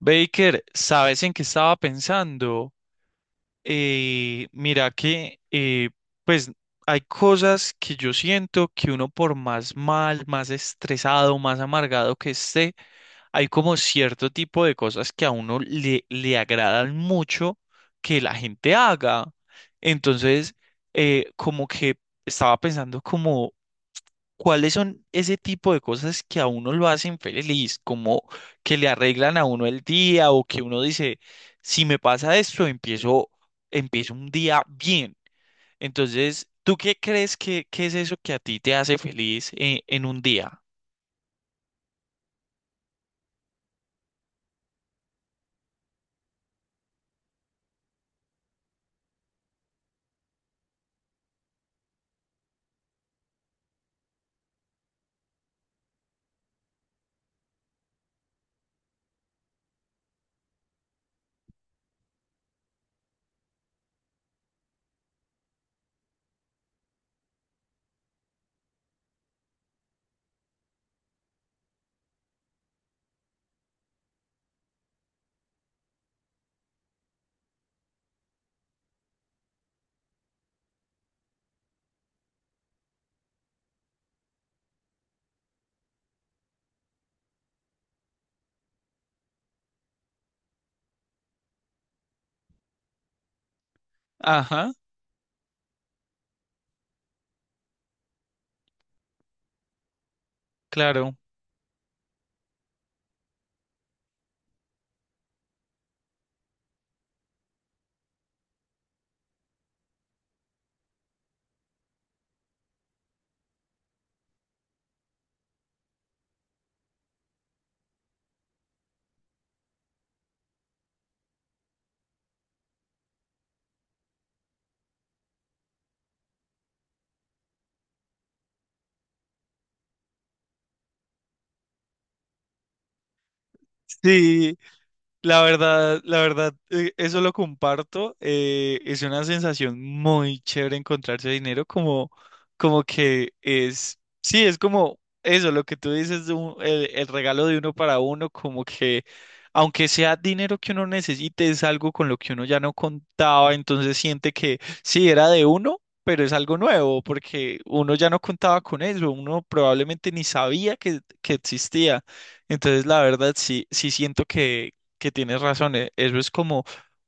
Baker, ¿sabes en qué estaba pensando? Mira que, pues, hay cosas que yo siento que uno por más mal, más estresado, más amargado que esté, hay como cierto tipo de cosas que a uno le agradan mucho que la gente haga. Entonces, como que estaba pensando. ¿Cuáles son ese tipo de cosas que a uno lo hacen feliz? Como que le arreglan a uno el día o que uno dice, si me pasa esto, empiezo un día bien. Entonces, ¿tú qué crees que es eso que a ti te hace feliz en un día? Ajá, claro. Sí, la verdad, la verdad, eso lo comparto. Es una sensación muy chévere encontrarse dinero, como que es, sí, es como eso, lo que tú dices, el regalo de uno para uno, como que aunque sea dinero que uno necesite, es algo con lo que uno ya no contaba, entonces siente que sí era de uno, pero es algo nuevo, porque uno ya no contaba con eso, uno probablemente ni sabía que existía. Entonces, la verdad, sí, sí siento que tienes razón, eso es como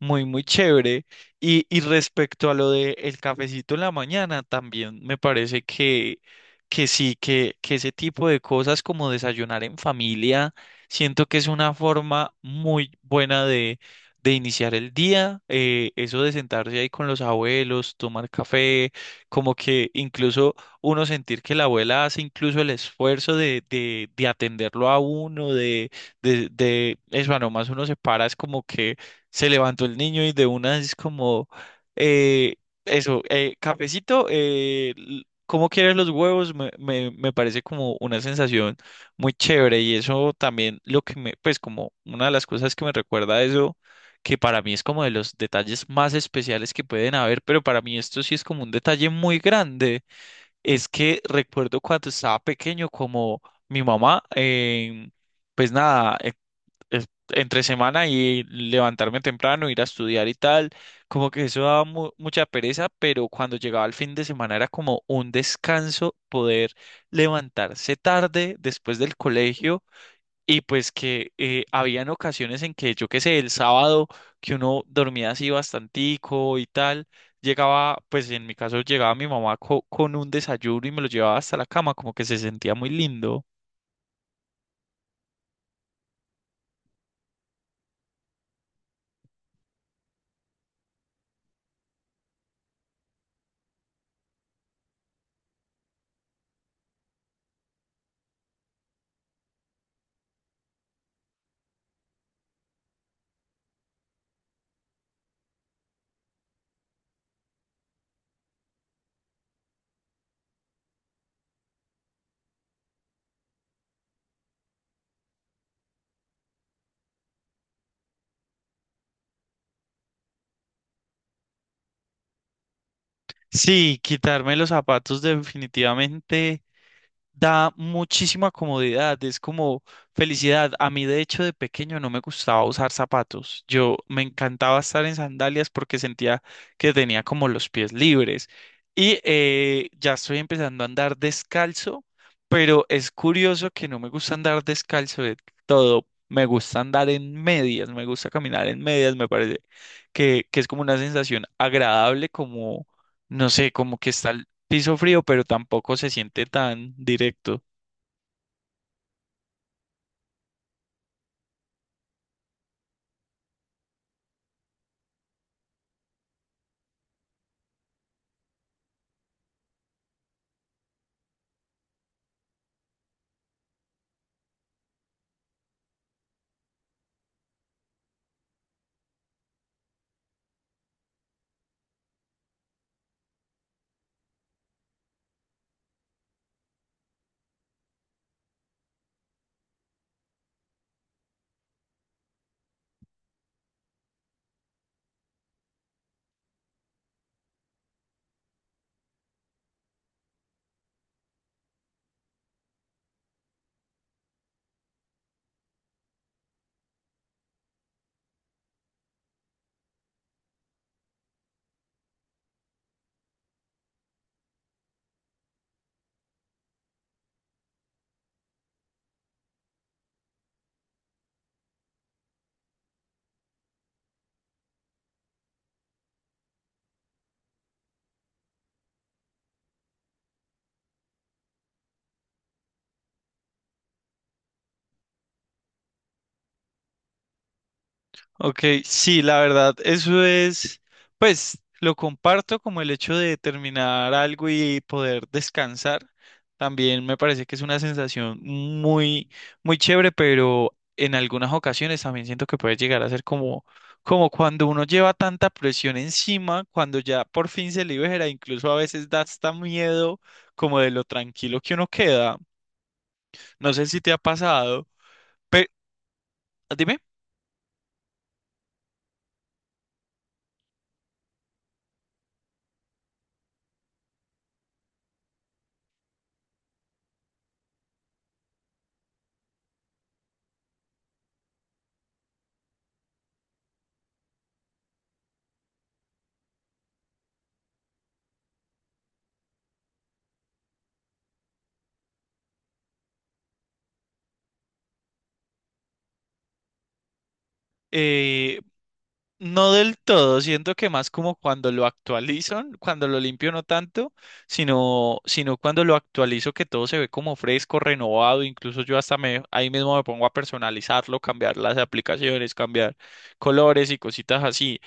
muy, muy chévere. Y respecto a lo de el cafecito en la mañana, también me parece que sí, que ese tipo de cosas como desayunar en familia, siento que es una forma muy buena de iniciar el día. Eso de sentarse ahí con los abuelos, tomar café, como que incluso uno sentir que la abuela hace incluso el esfuerzo de atenderlo a uno, de eso, nomás uno se para, es como que se levantó el niño y de una es como, eh, eso, cafecito, ¿cómo quieres los huevos? Me parece como una sensación muy chévere y eso también lo que me, pues como una de las cosas que me recuerda a eso, que para mí es como de los detalles más especiales que pueden haber, pero para mí esto sí es como un detalle muy grande, es que recuerdo cuando estaba pequeño como mi mamá, pues nada, entre semana y levantarme temprano, ir a estudiar y tal, como que eso daba mucha pereza, pero cuando llegaba el fin de semana era como un descanso poder levantarse tarde después del colegio y pues que habían ocasiones en que yo qué sé, el sábado que uno dormía así bastantico y tal. Llegaba, pues en mi caso llegaba mi mamá con un desayuno y me lo llevaba hasta la cama, como que se sentía muy lindo. Sí, quitarme los zapatos definitivamente da muchísima comodidad, es como felicidad. A mí, de hecho, de pequeño no me gustaba usar zapatos. Yo me encantaba estar en sandalias porque sentía que tenía como los pies libres. Y ya estoy empezando a andar descalzo, pero es curioso que no me gusta andar descalzo de todo. Me gusta andar en medias, me gusta caminar en medias, me parece que es como una sensación agradable, como, no sé, como que está piso frío, pero tampoco se siente tan directo. Ok, sí, la verdad, eso es, pues lo comparto como el hecho de terminar algo y poder descansar. También me parece que es una sensación muy, muy chévere, pero en algunas ocasiones también siento que puede llegar a ser como cuando uno lleva tanta presión encima, cuando ya por fin se libera, incluso a veces da hasta miedo como de lo tranquilo que uno queda. No sé si te ha pasado. Pero dime. Eh, no del todo, siento que más como cuando lo actualizan, cuando lo limpio no tanto, sino cuando lo actualizo que todo se ve como fresco, renovado, incluso yo hasta me, ahí mismo me pongo a personalizarlo, cambiar las aplicaciones, cambiar colores y cositas así,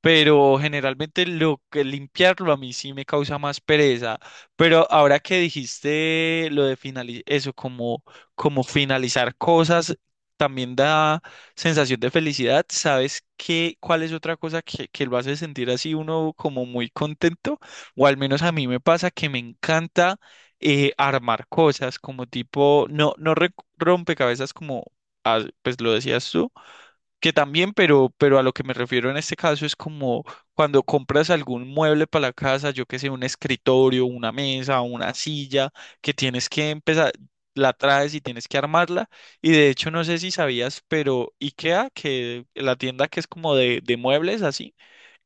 pero generalmente lo que limpiarlo a mí sí me causa más pereza. Pero ahora que dijiste lo de finalizar, eso como finalizar cosas, también da sensación de felicidad. ¿Sabes qué? ¿Cuál es otra cosa que lo hace sentir así uno como muy contento? O al menos a mí me pasa que me encanta, armar cosas como tipo, no, no rompecabezas, como ah, pues lo decías tú que también, pero a lo que me refiero en este caso es como cuando compras algún mueble para la casa, yo que sé, un escritorio, una mesa, una silla, que tienes que empezar, la traes y tienes que armarla. Y de hecho, no sé si sabías, pero IKEA, que la tienda que es como de muebles así,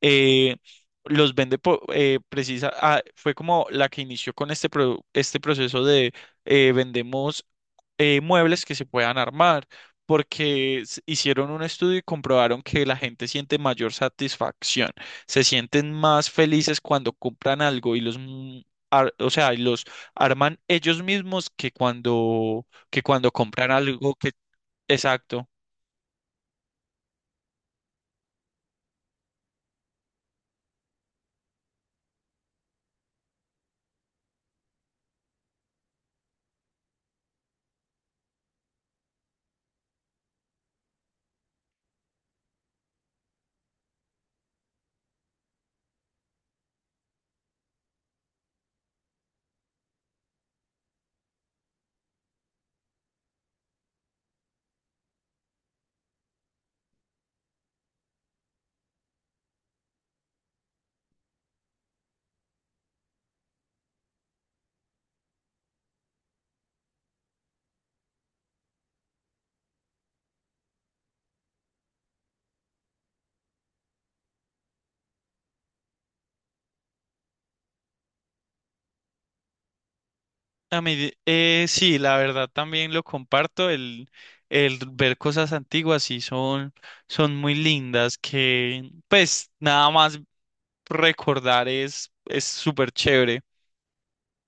eh, los vende precisa, ah, fue como la que inició con este proceso de vendemos muebles que se puedan armar, porque hicieron un estudio y comprobaron que la gente siente mayor satisfacción, se sienten más felices cuando compran algo o sea, y los arman ellos mismos que cuando compran algo que, exacto. A mí, sí, la verdad también lo comparto, el ver cosas antiguas sí son muy lindas, que pues nada más recordar es súper chévere.